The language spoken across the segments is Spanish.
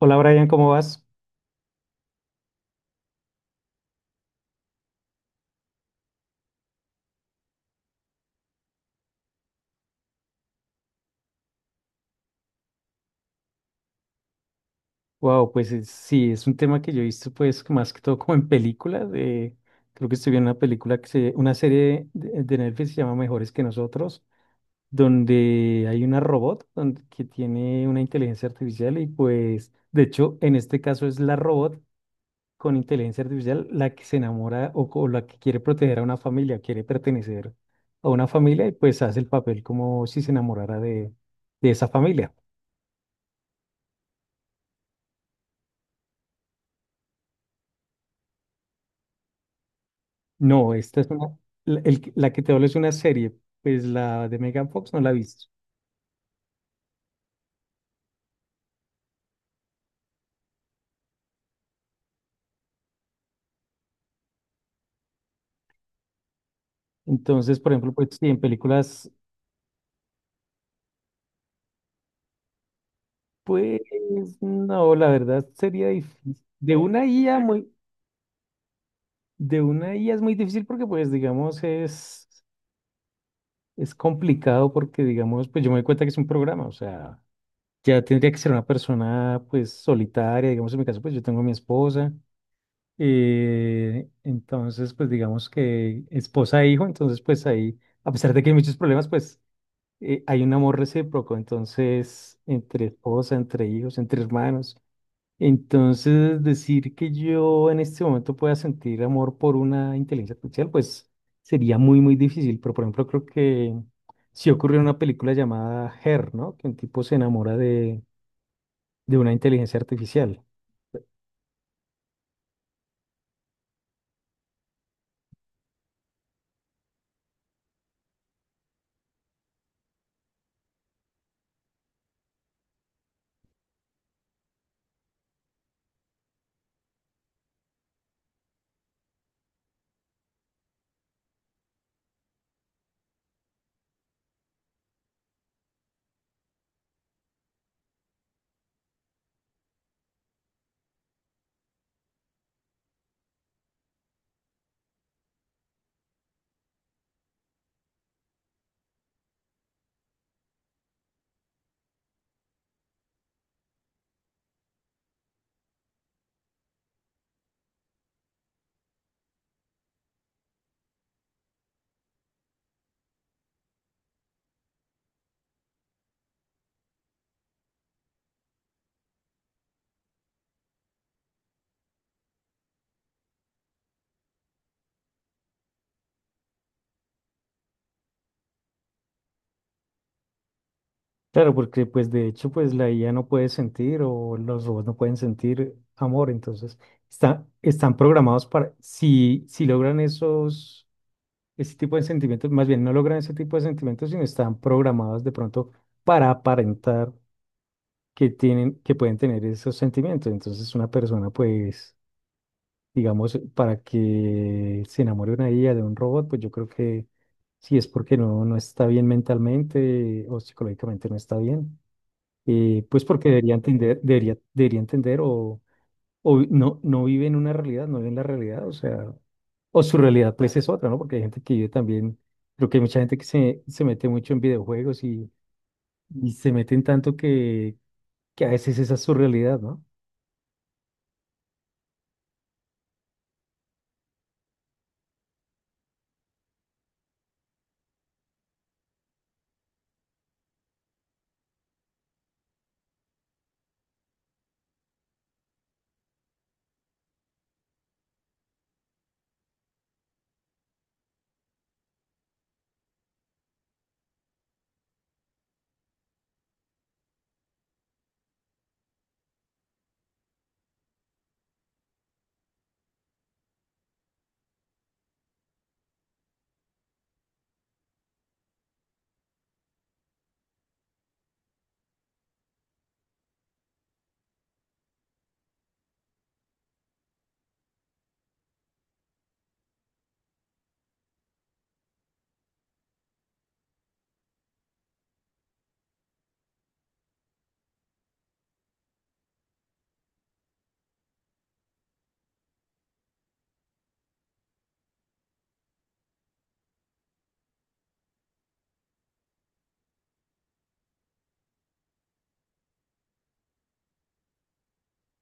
Hola Brian, ¿cómo vas? Wow, pues sí, es un tema que yo he visto pues que más que todo como en películas. Creo que estoy viendo una una serie de Netflix que se llama Mejores que nosotros, donde hay una que tiene una inteligencia artificial y pues de hecho en este caso es la robot con inteligencia artificial la que se enamora o la que quiere proteger a una familia, quiere pertenecer a una familia y pues hace el papel como si se enamorara de esa familia. No, esta es la que te hablo es una serie, pues la de Megan Fox no la he visto. Entonces, por ejemplo, pues sí, en películas, pues no, la verdad sería difícil. De una IA es muy difícil porque pues es complicado porque digamos, pues yo me doy cuenta que es un programa, o sea, ya tendría que ser una persona pues solitaria, digamos en mi caso pues yo tengo a mi esposa. Entonces, pues digamos que esposa e hijo, entonces pues ahí, a pesar de que hay muchos problemas, pues, hay un amor recíproco, entonces entre esposa, entre hijos, entre hermanos. Entonces, decir que yo en este momento pueda sentir amor por una inteligencia artificial, pues sería muy difícil, pero por ejemplo creo que sí ocurrió en una película llamada Her, ¿no? Que un tipo se enamora de una inteligencia artificial. Claro, porque pues de hecho pues la IA no puede sentir o los robots no pueden sentir amor, entonces están programados para, si logran esos, ese tipo de sentimientos, más bien no logran ese tipo de sentimientos, sino están programados de pronto para aparentar que tienen, que pueden tener esos sentimientos. Entonces, una persona, pues, digamos, para que se enamore una IA de un robot, pues yo creo que si es porque no está bien mentalmente o psicológicamente no está bien, pues porque debería entender, debería entender no, no vive en una realidad, no vive en la realidad, o sea, o su realidad pues es otra, ¿no? Porque hay gente que vive también, creo que hay mucha gente que se mete mucho en videojuegos y se meten tanto que a veces esa es su realidad, ¿no?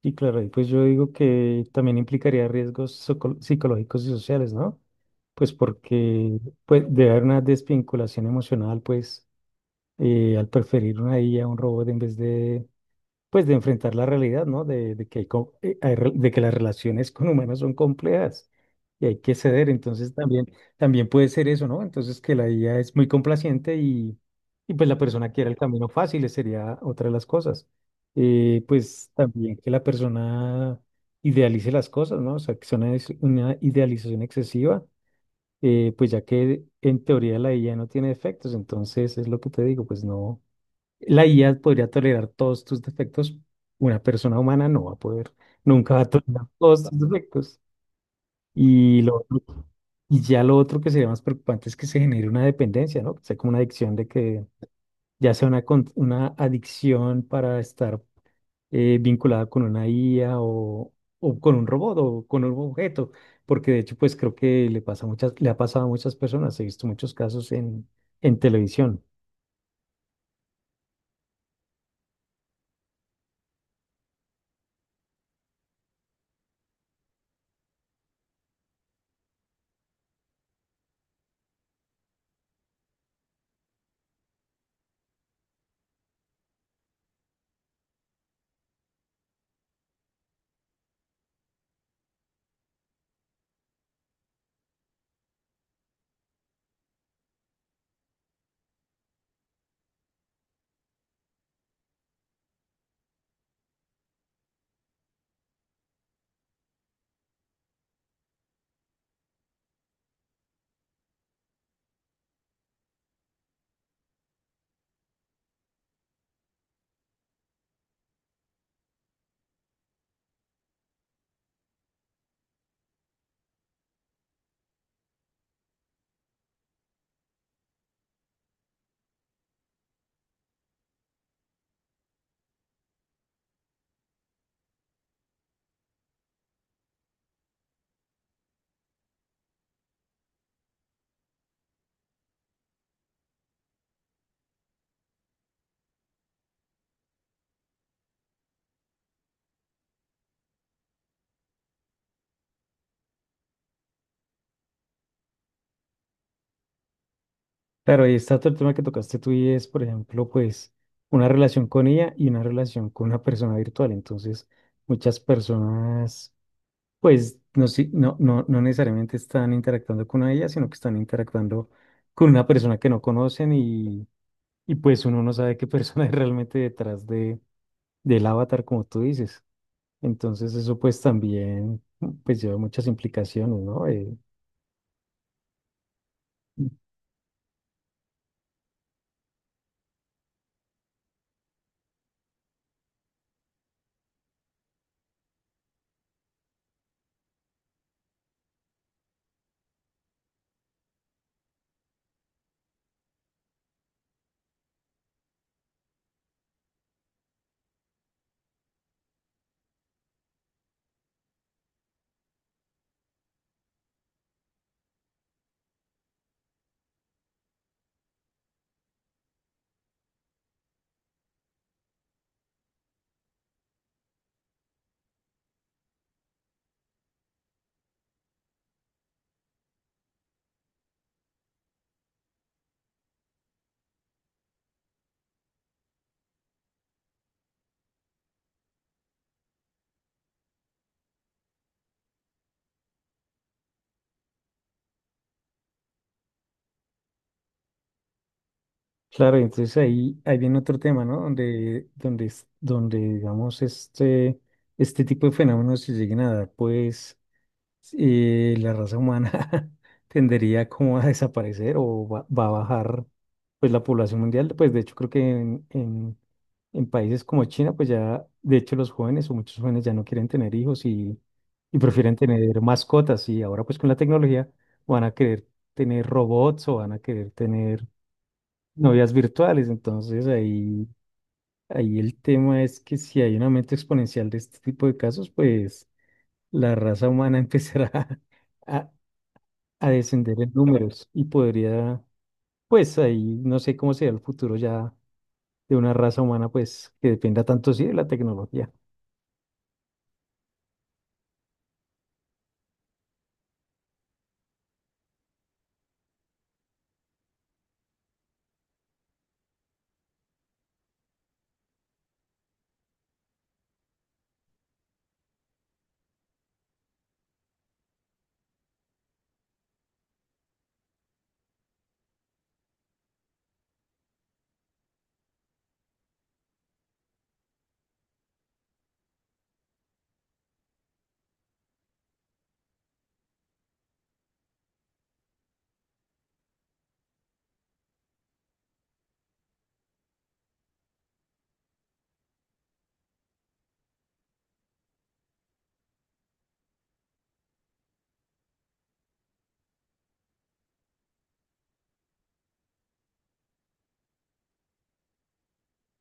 Y claro, y pues yo digo que también implicaría riesgos psicológicos y sociales, ¿no? Pues porque pues, debe haber una desvinculación emocional, pues, al preferir una IA a un robot en vez de pues de enfrentar la realidad, ¿no? De que hay, co- hay re- de que las relaciones con humanos son complejas y hay que ceder. Entonces también, también puede ser eso, ¿no? Entonces que la IA es muy complaciente y pues la persona quiera el camino fácil, esa sería otra de las cosas. Pues también que la persona idealice las cosas, ¿no? O sea, que sea una idealización excesiva, pues ya que en teoría la IA no tiene efectos, entonces es lo que te digo, pues no. La IA podría tolerar todos tus defectos. Una persona humana no va a poder, nunca va a tolerar todos tus defectos. Y, lo otro- y ya lo otro que sería más preocupante es que se genere una dependencia, ¿no? Que sea como una adicción de que ya sea una adicción para estar vinculada con una IA o con un robot o con un objeto. Porque de hecho, pues creo que le pasa a le ha pasado a muchas personas. He visto muchos casos en televisión. Claro, y está todo el tema que tocaste tú y es, por ejemplo, pues una relación con ella y una relación con una persona virtual. Entonces, muchas personas, pues, no necesariamente están interactuando con ella, sino que están interactuando con una persona que no conocen y pues uno no sabe qué persona es realmente detrás del avatar, como tú dices. Entonces, eso pues también, pues, lleva muchas implicaciones, ¿no? Claro, entonces ahí viene otro tema, ¿no? Donde digamos, este tipo de fenómenos se lleguen a dar, pues, la raza humana tendería como a desaparecer o va a bajar, pues la población mundial. Pues de hecho creo que en países como China, pues ya, de hecho los jóvenes o muchos jóvenes ya no quieren tener hijos y prefieren tener mascotas y ahora pues con la tecnología van a querer tener robots o van a querer tener novias virtuales. Entonces ahí, ahí el tema es que si hay un aumento exponencial de este tipo de casos, pues la raza humana empezará a, a descender en números y podría, pues ahí no sé cómo será el futuro ya de una raza humana, pues que dependa tanto sí de la tecnología.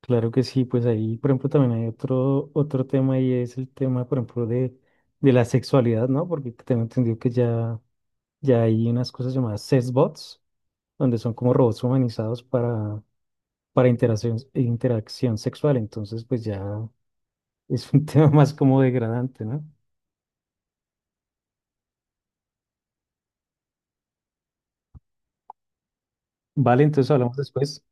Claro que sí, pues ahí, por ejemplo, también hay otro tema y es el tema, por ejemplo, de la sexualidad, ¿no? Porque tengo entendido que ya, ya hay unas cosas llamadas sexbots donde son como robots humanizados para interacción sexual. Entonces, pues ya es un tema más como degradante, ¿no? Vale, entonces hablamos después.